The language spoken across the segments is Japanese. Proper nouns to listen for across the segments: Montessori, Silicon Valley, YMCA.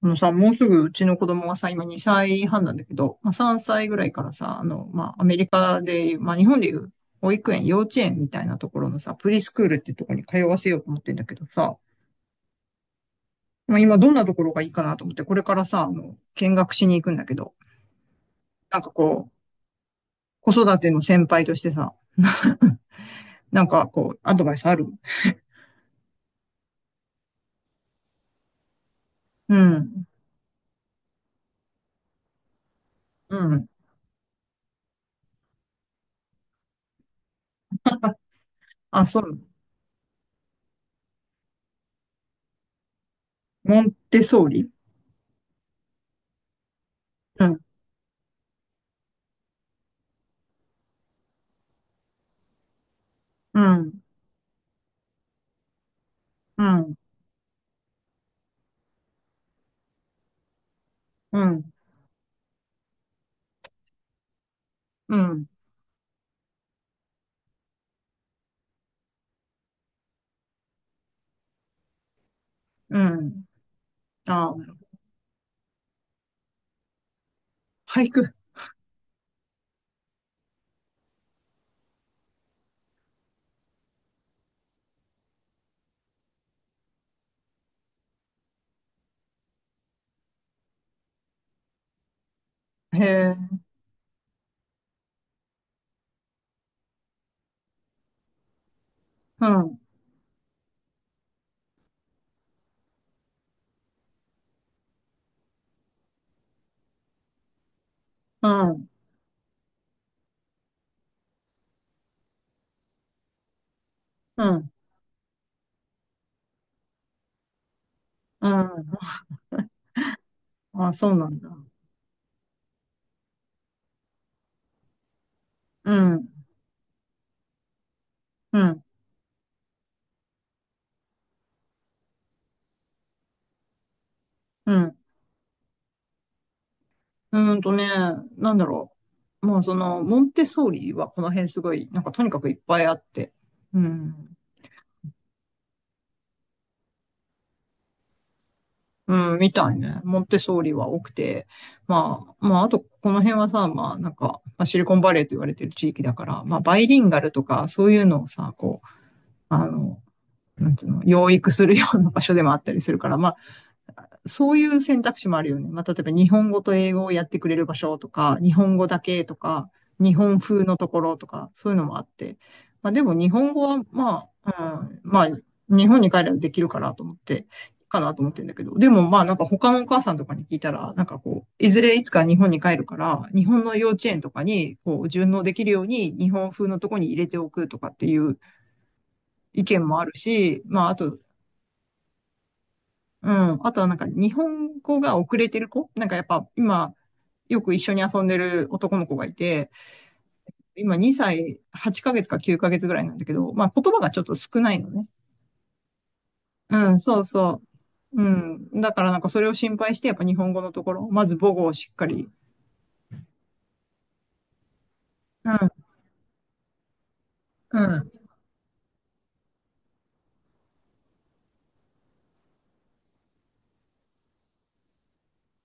あのさ、もうすぐうちの子供がさ、今2歳半なんだけど、まあ、3歳ぐらいからさ、まあ、アメリカで、まあ、日本でいう保育園、幼稚園みたいなところのさ、プリスクールっていうところに通わせようと思ってんだけどさ、まあ、今どんなところがいいかなと思って、これからさ、見学しに行くんだけど、なんかこう、子育ての先輩としてさ、なんかこう、アドバイスある？うん、うん。あ、そう。モンテソーリ。うん、うん、うん、うん、うん、うん。あ、俳句。へえ。うん、うん、うん、うん。あ、そうなんだ。うん、うん、うん。うーんとね、なんだろう。まあ、その、モンテッソーリはこの辺すごい、なんかとにかくいっぱいあって、うん、うん、みたいね。モンテッソーリは多くて、まあ、まあ、あと、この辺はさ、まあ、なんか、まあ、シリコンバレーと言われてる地域だから、まあ、バイリンガルとか、そういうのをさ、こう、あの、なんつうの、養育するような場所でもあったりするから、まあそういう選択肢もあるよね。まあ、例えば日本語と英語をやってくれる場所とか、日本語だけとか、日本風のところとか、そういうのもあって。まあ、でも日本語は、まあ、うん、まあ、日本に帰ればできるかなと思って、かなと思ってんだけど。でもまあなんか他のお母さんとかに聞いたら、なんかこう、いずれいつか日本に帰るから、日本の幼稚園とかにこう順応できるように日本風のとこに入れておくとかっていう意見もあるし、まああと、うん。あとはなんか日本語が遅れてる子なんかやっぱ今よく一緒に遊んでる男の子がいて、今2歳8ヶ月か9ヶ月ぐらいなんだけど、まあ言葉がちょっと少ないのね。うん、そうそう。うん。だからなんかそれを心配してやっぱ日本語のところ、まず母語をしっかり。うん、うん、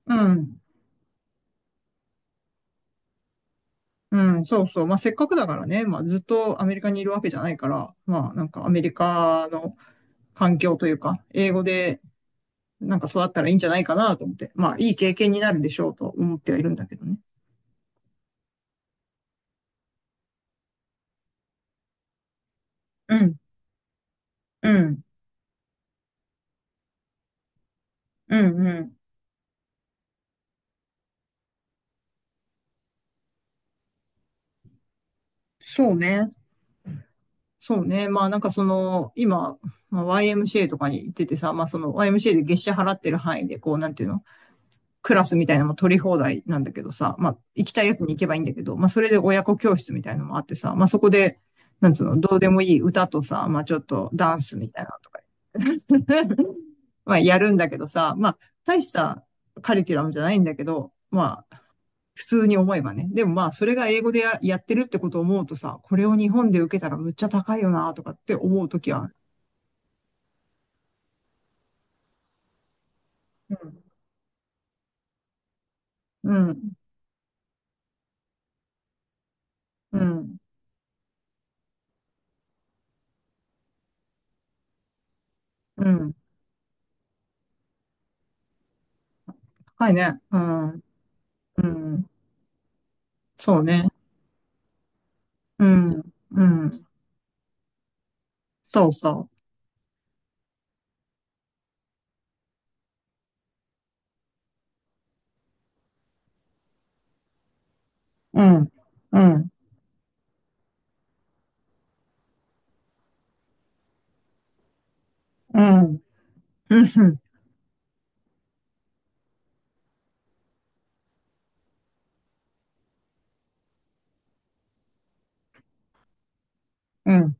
うん、うん、そうそう。まあせっかくだからね、まあずっとアメリカにいるわけじゃないから、まあなんかアメリカの環境というか、英語でなんか育ったらいいんじゃないかなと思って、まあいい経験になるでしょうと思ってはいるんだけどね。うん、うん、うん、うん。そうね。そうね。まあなんかその、今、まあ、YMCA とかに行っててさ、まあその YMCA で月謝払ってる範囲で、こうなんていうの、クラスみたいなのも取り放題なんだけどさ、まあ行きたいやつに行けばいいんだけど、まあそれで親子教室みたいなのもあってさ、まあそこで、なんつうの、どうでもいい歌とさ、まあちょっとダンスみたいなのとか、まあ、やるんだけどさ、まあ、大したカリキュラムじゃないんだけど、まあ、普通に思えばね。でもまあ、それが英語でやってるってことを思うとさ、これを日本で受けたらむっちゃ高いよな、とかって思うときはある。うん、うん、うん。うん、高いね。うん、うん。そうね。うん、うん。そうそう。うん、うん、うん、うん、うん。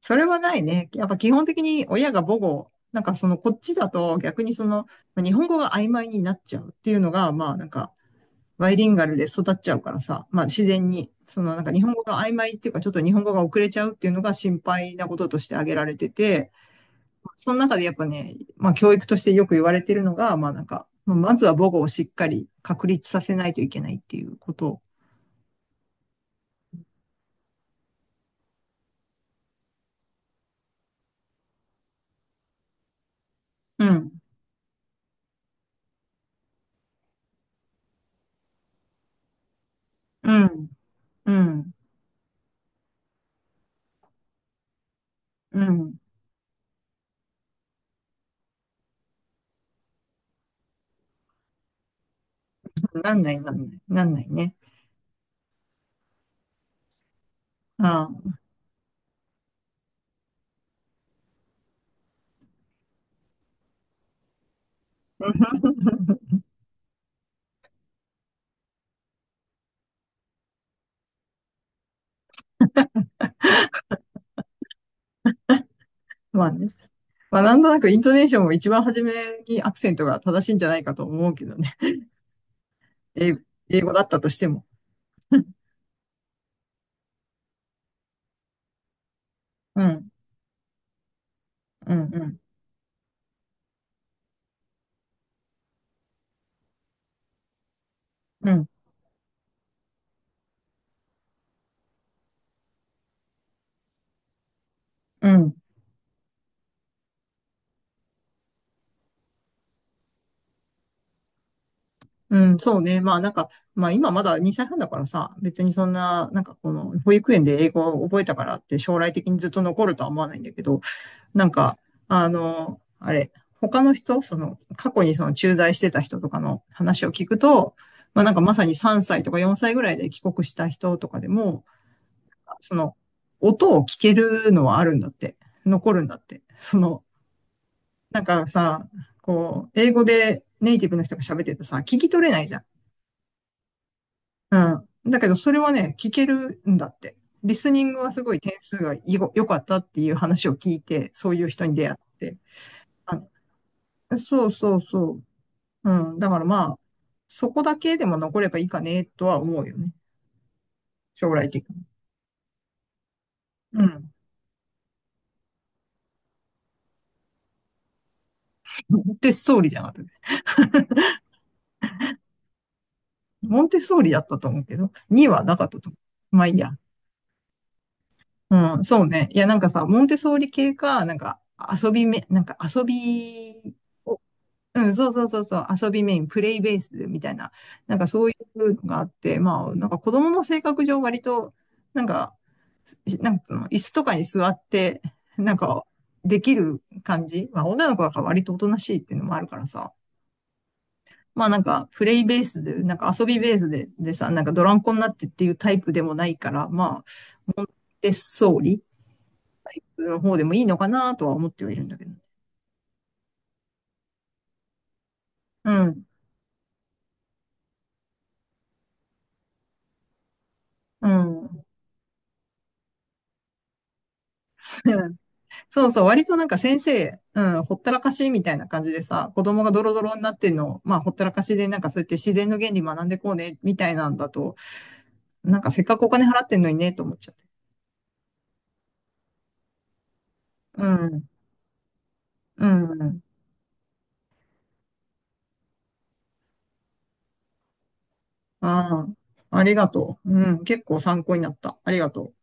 それはないね。やっぱ基本的に親が母語、なんかそのこっちだと逆にそのまあ日本語が曖昧になっちゃうっていうのが、まあなんかバイリンガルで育っちゃうからさ、まあ自然に、そのなんか日本語が曖昧っていうかちょっと日本語が遅れちゃうっていうのが心配なこととして挙げられてて、その中でやっぱね、まあ教育としてよく言われてるのが、まあなんか、まあまずは母語をしっかり確立させないといけないっていうこと。うん、うん、うん、うん。なんない、なんない、なんないね。ああ。まあね。まあ、なんとなくイントネーションも一番初めにアクセントが正しいんじゃないかと思うけどね。英語、英語だったとしても。うん、うん、うん、うん、うん、うん、そうね。まあなんか、まあ今まだ2歳半だからさ、別にそんな、なんかこの保育園で英語を覚えたからって将来的にずっと残るとは思わないんだけど、なんか、あの、あれ、他の人、その過去にその駐在してた人とかの話を聞くと、まあなんかまさに3歳とか4歳ぐらいで帰国した人とかでも、その、音を聞けるのはあるんだって。残るんだって。その、なんかさ、こう、英語でネイティブの人が喋っててさ、聞き取れないじゃん。うん。だけど、それはね、聞けるんだって。リスニングはすごい点数がい良かったっていう話を聞いて、そういう人に出会って。あ、そうそうそう。うん。だからまあ、そこだけでも残ればいいかね、とは思うよね。将来的に。うん。デスストーリーじゃん、私。モンテソーリだったと思うけど、2はなかったと思う。まあいいや。うん、そうね。いや、なんかさ、モンテソーリ系か、なんか遊びめ、なんか遊びを、うん、そうそうそうそう、遊びメイン、プレイベースみたいな、なんかそういうのがあって、まあ、なんか子供の性格上割と、なんか、なんかの、椅子とかに座って、なんか、できる感じ。まあ、女の子だから割とおとなしいっていうのもあるからさ、まあなんか、プレイベースで、なんか遊びベースで、でさ、なんかドランコになってっていうタイプでもないから、まあ、不手総理の方でもいいのかなとは思ってはいるんだけど。うん。うん。そうそう、割となんか先生、うん、ほったらかしみたいな感じでさ、子供がドロドロになってんのを、まあほったらかしでなんかそうやって自然の原理学んでこうね、みたいなんだと、なんかせっかくお金払ってんのにね、と思っちゃって。うん。うん。ああ、ありがとう。うん、結構参考になった。ありがとう。